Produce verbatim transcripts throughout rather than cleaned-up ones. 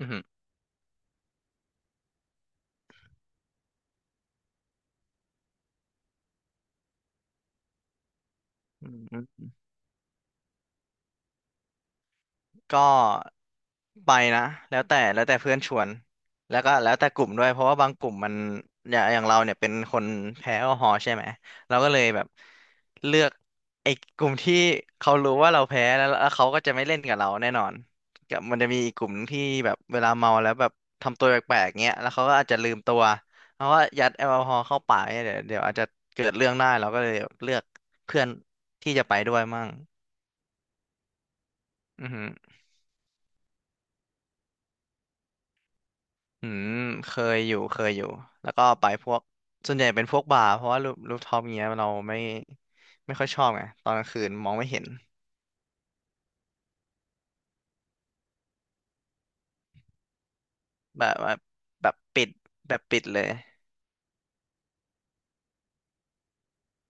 อือหืออืมก็ไปนะแล้วแต่แล้วแต่เพื่อนชวนแล้วก็แล้วแต่กลุ่มด้วยเพราะว่าบางกลุ่มมันอย่างอย่างเราเนี่ยเป็นคนแพ้แอลกอฮอล์ใช่ไหมเราก็เลยแบบเลือกไอ้กลุ่มที่เขารู้ว่าเราแพ้แล้วแล้วเขาก็จะไม่เล่นกับเราแน่นอนกับมันจะมีอีกกลุ่มที่แบบเวลาเมาแล้วแบบทำตัวแปลกๆเงี้ยแล้วเขาก็อาจจะลืมตัวเพราะว่ายัดแอลกอฮอล์เข้าปากเนี่ยเดี๋ยวเดี๋ยวอาจจะเกิดเรื่องได้เราก็เลยเลือกเพื่อนที่จะไปด้วยมั่งอือฮึ อืมเคยอยู่เคยอยู่แล้วก็ไปพวกส่วนใหญ่เป็นพวกบาร์เพราะว่ารูปรูปท็อปเงี้ยเราไม่ไม่ค่อยชอบไงตอนกลางคืนมองไม่เห็นแบบว่าแบบปิดแบบปิดเลย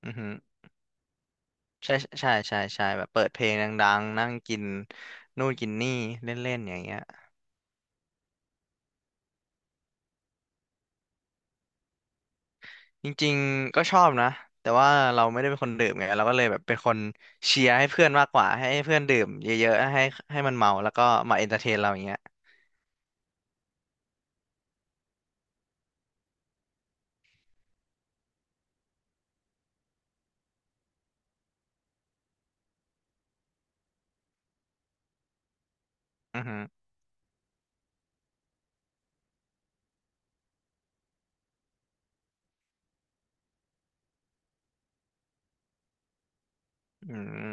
อือฮึใช่ใช่ใช่ใช่แบบเปิดเพลงดังๆนั่งกินนู่นกินนี่เล่นๆอย่างเงี้ยจริงๆก็ชอบนะแต่ว่าเราไม่ได้เป็นคนดื่มไงเราก็เลยแบบเป็นคนเชียร์ให้เพื่อนมากกว่าให้เพื่อนดื่มเยอะๆให้ให้มันเมาแล้วก็มาเอนเตอร์เทนเราอย่างเงี้ยอือฮึอืม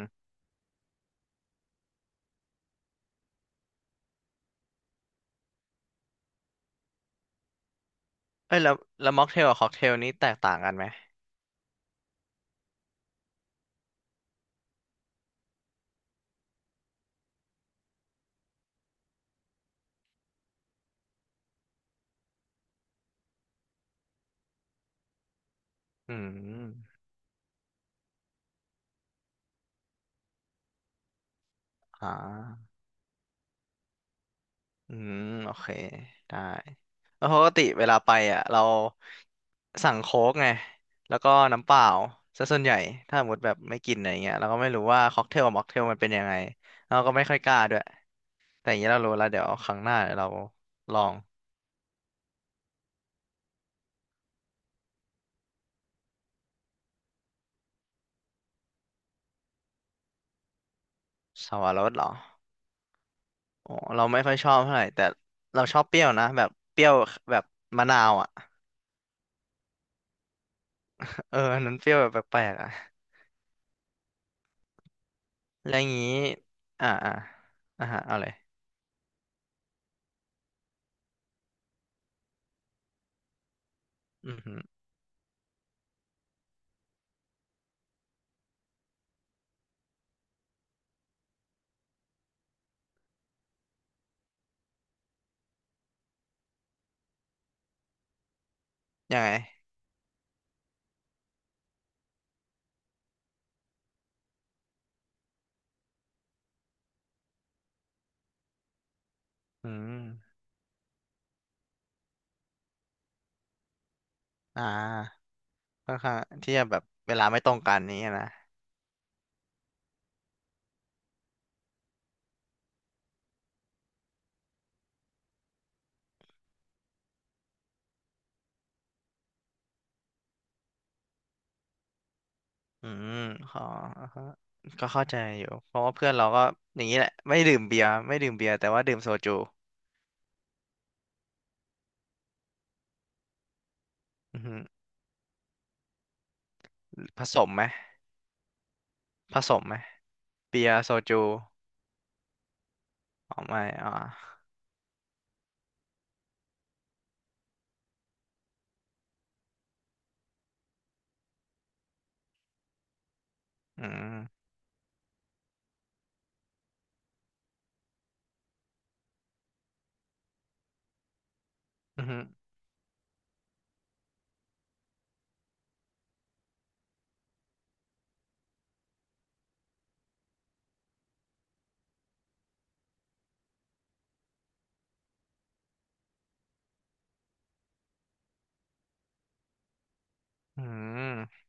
เอ้ยแล้วแล้วม็อกเทลกับค็อกเทลนี้แตกต่างกันไหมอืมอ่าอืมโอเคได้แล้วปกติเวลาไปอ่ะเราสั่งโค้กไงแล้วก็น้ำเปล่าซะส่วนใหญ่ถ้าสมมติแบบไม่กินอะไรเงี้ยเราก็ไม่รู้ว่าค็อกเทลกับม็อกเทลมันเป็นยังไงเราก็ไม่ค่อยกล้าด้วยแต่อย่างนี้เรารู้แล้วเดี๋ยวครั้งหน้าเดี๋ยวเราลองสวรสเหรออ๋อเราไม่ค่อยชอบเท่าไหร่แต่เราชอบเปรี้ยวนะแบบเปรี้ยวแบบมะนาวอ่ะ เอออันนั้นเปรี้ยวแบบแปลกๆอ่ะ แล้วอย่างงี้ อ่าอ่าอ่าฮะเอาเลยอือหือยังไงอืมอ่าค่อนข้างที่จะแบบเวลาไม่ตรงกันนี้นะอืมขอก็เข้าใจอยู่เพราะว่าเพื่อนเราก็อย่างนี้แหละไม่ดื่มเบียร์ไม่ดื่มเบียร์แต่ว่าดื่มโซจูอือหือผสมไหมผสมไหมเบียร์โซจูอ๋อไม่อ่าอืมอือหืออืม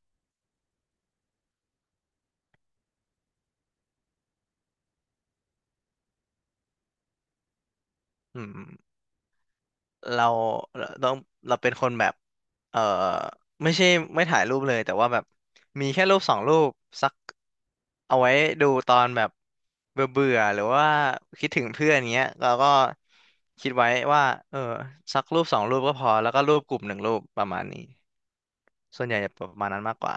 อืม เราเราต้องเราเป็นคนแบบเออไม่ใช่ไม่ถ่ายรูปเลยแต่ว่าแบบมีแค่รูปสองรูปสักเอาไว้ดูตอนแบบเบื่อเบื่อหรือว่าคิดถึงเพื่อนเงี้ยเราก็คิดไว้ว่าเออสักรูปสองรูปก็พอแล้วก็รูปกลุ่มหนึ่งรูปประมาณนี้ส่วนใหญ่จะประมาณนั้นมากกว่า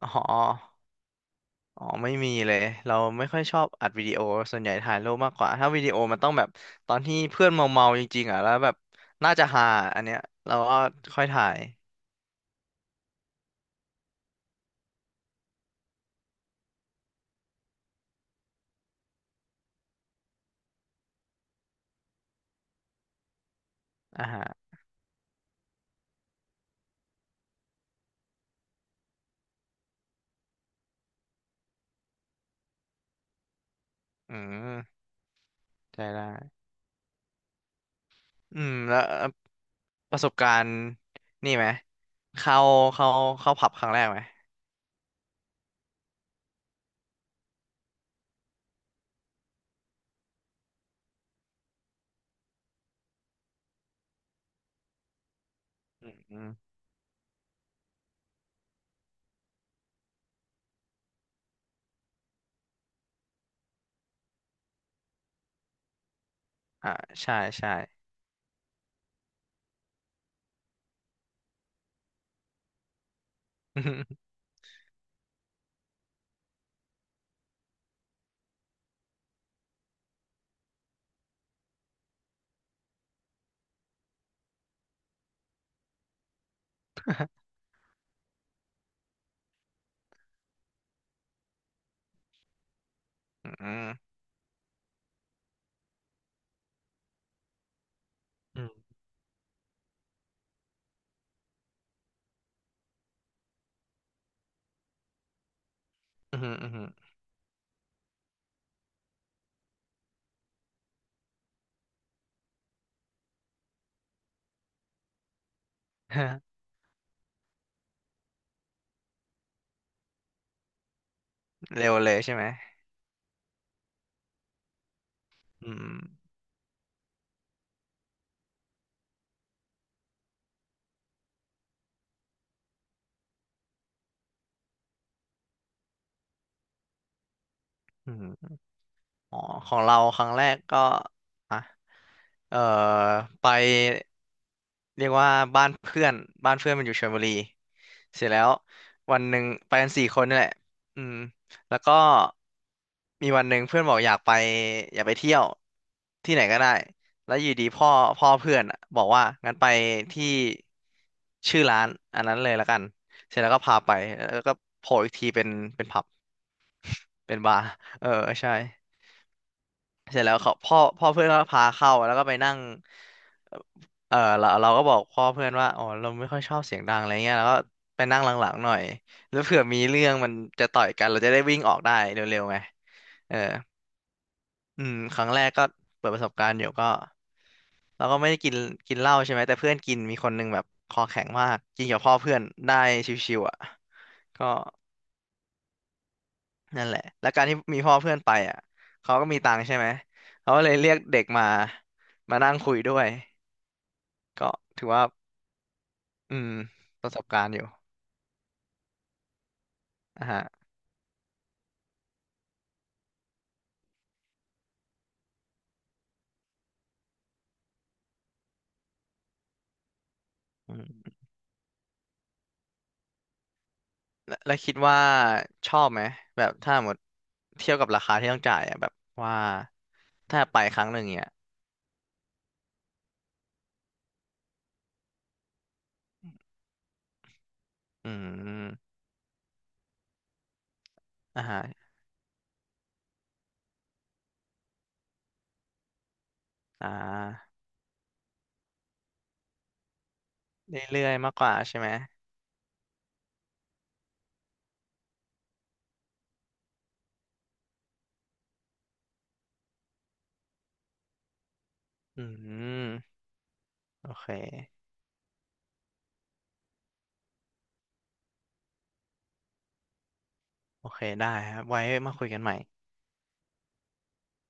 อ๋อ อ๋อไม่มีเลยเราไม่ค่อยชอบอัดวิดีโอส่วนใหญ่ถ่ายรูปมากกว่าถ้าวิดีโอมันต้องแบบตอนที่เพื่อนเมาเมาจริงๆอ่ะแล้วแบบน่าจะฮาอันเนี้ยเราก็ค่อยถ่ายอ่าฮะอืมใช่ได้อืมแล้วเอ่อประสบการณ์นี่ไหมเข้าเข้าเข้าผับครั้งแรกไหมอืมอืมอ่าใช่ใช่ อืมอืมอืมอืมอืม เร็วเลยใช่ไหมอืมอืม อ๋อของเราครั้งแรกก็อ่ะเอ่อไปเรียกว่าบ้านเพื่อนบ้านเพื่อนมันอยู่ชลบุรีเสร็จแล้ววันหนึ่งไปกันสี่คนนี่แหละอืมแล้วก็มีวันหนึ่งเพื่อนบอกอยากไปอยากไปเที่ยวที่ไหนก็ได้แล้วอยู่ดีพ่อพ่อเพื่อนอะบอกว่างั้นไปที่ชื่อร้านอันนั้นเลยละกันเสร็จแล้วก็พาไปแล้วก็โผล่อีกทีเป็นเป็นผับเป็นบาร์เออใช่ เสร็จแล้วเขาพ่อพ่อเพื่อนก็พาเข้าแล้วก็ไปนั่งเออเราเราก็บอกพ่อเพื่อนว่าอ๋อเราไม่ค่อยชอบเสียงดังอะไรเงี้ยแล้วก็ไปนั่งหลังๆหน่อยแล้วเผื่อมีเรื่องมันจะต่อยกันเราจะได้วิ่งออกได้เร็วๆไงเอออืมครั้งแรกก็เปิดประสบการณ์อยู่ก็เราก็ไม่ได้กินกินเหล้าใช่ไหมแต่เพื่อนกินมีคนหนึงแบบคอแข็งมากกินกับพ่อเพื่อนได้ชิวๆอ่ะก็นั่นแหละแล้วการที่มีพ่อเพื่อนไปอ่ะเขาก็มีตังค์ใช่ไหมเขาก็เลยเรียกเด็กมามานั่งคุยด้วย ก็ถือว่าอืมประสบการณ์อยู่นะฮะอืมแล้วแล้วคิดว่าชอบไหมแบบถ้าหมดเทียบกับราคาที่ต้องจ่ายอ่ะแบบว่าถ้าไปครั้งหนึ่งเนี่ยอืมอ่าฮะอ่าเรื่อยๆมากกว่าใช่ไหมอืมโอเคโอเคได้ครับไว้มาคุยกันใหม่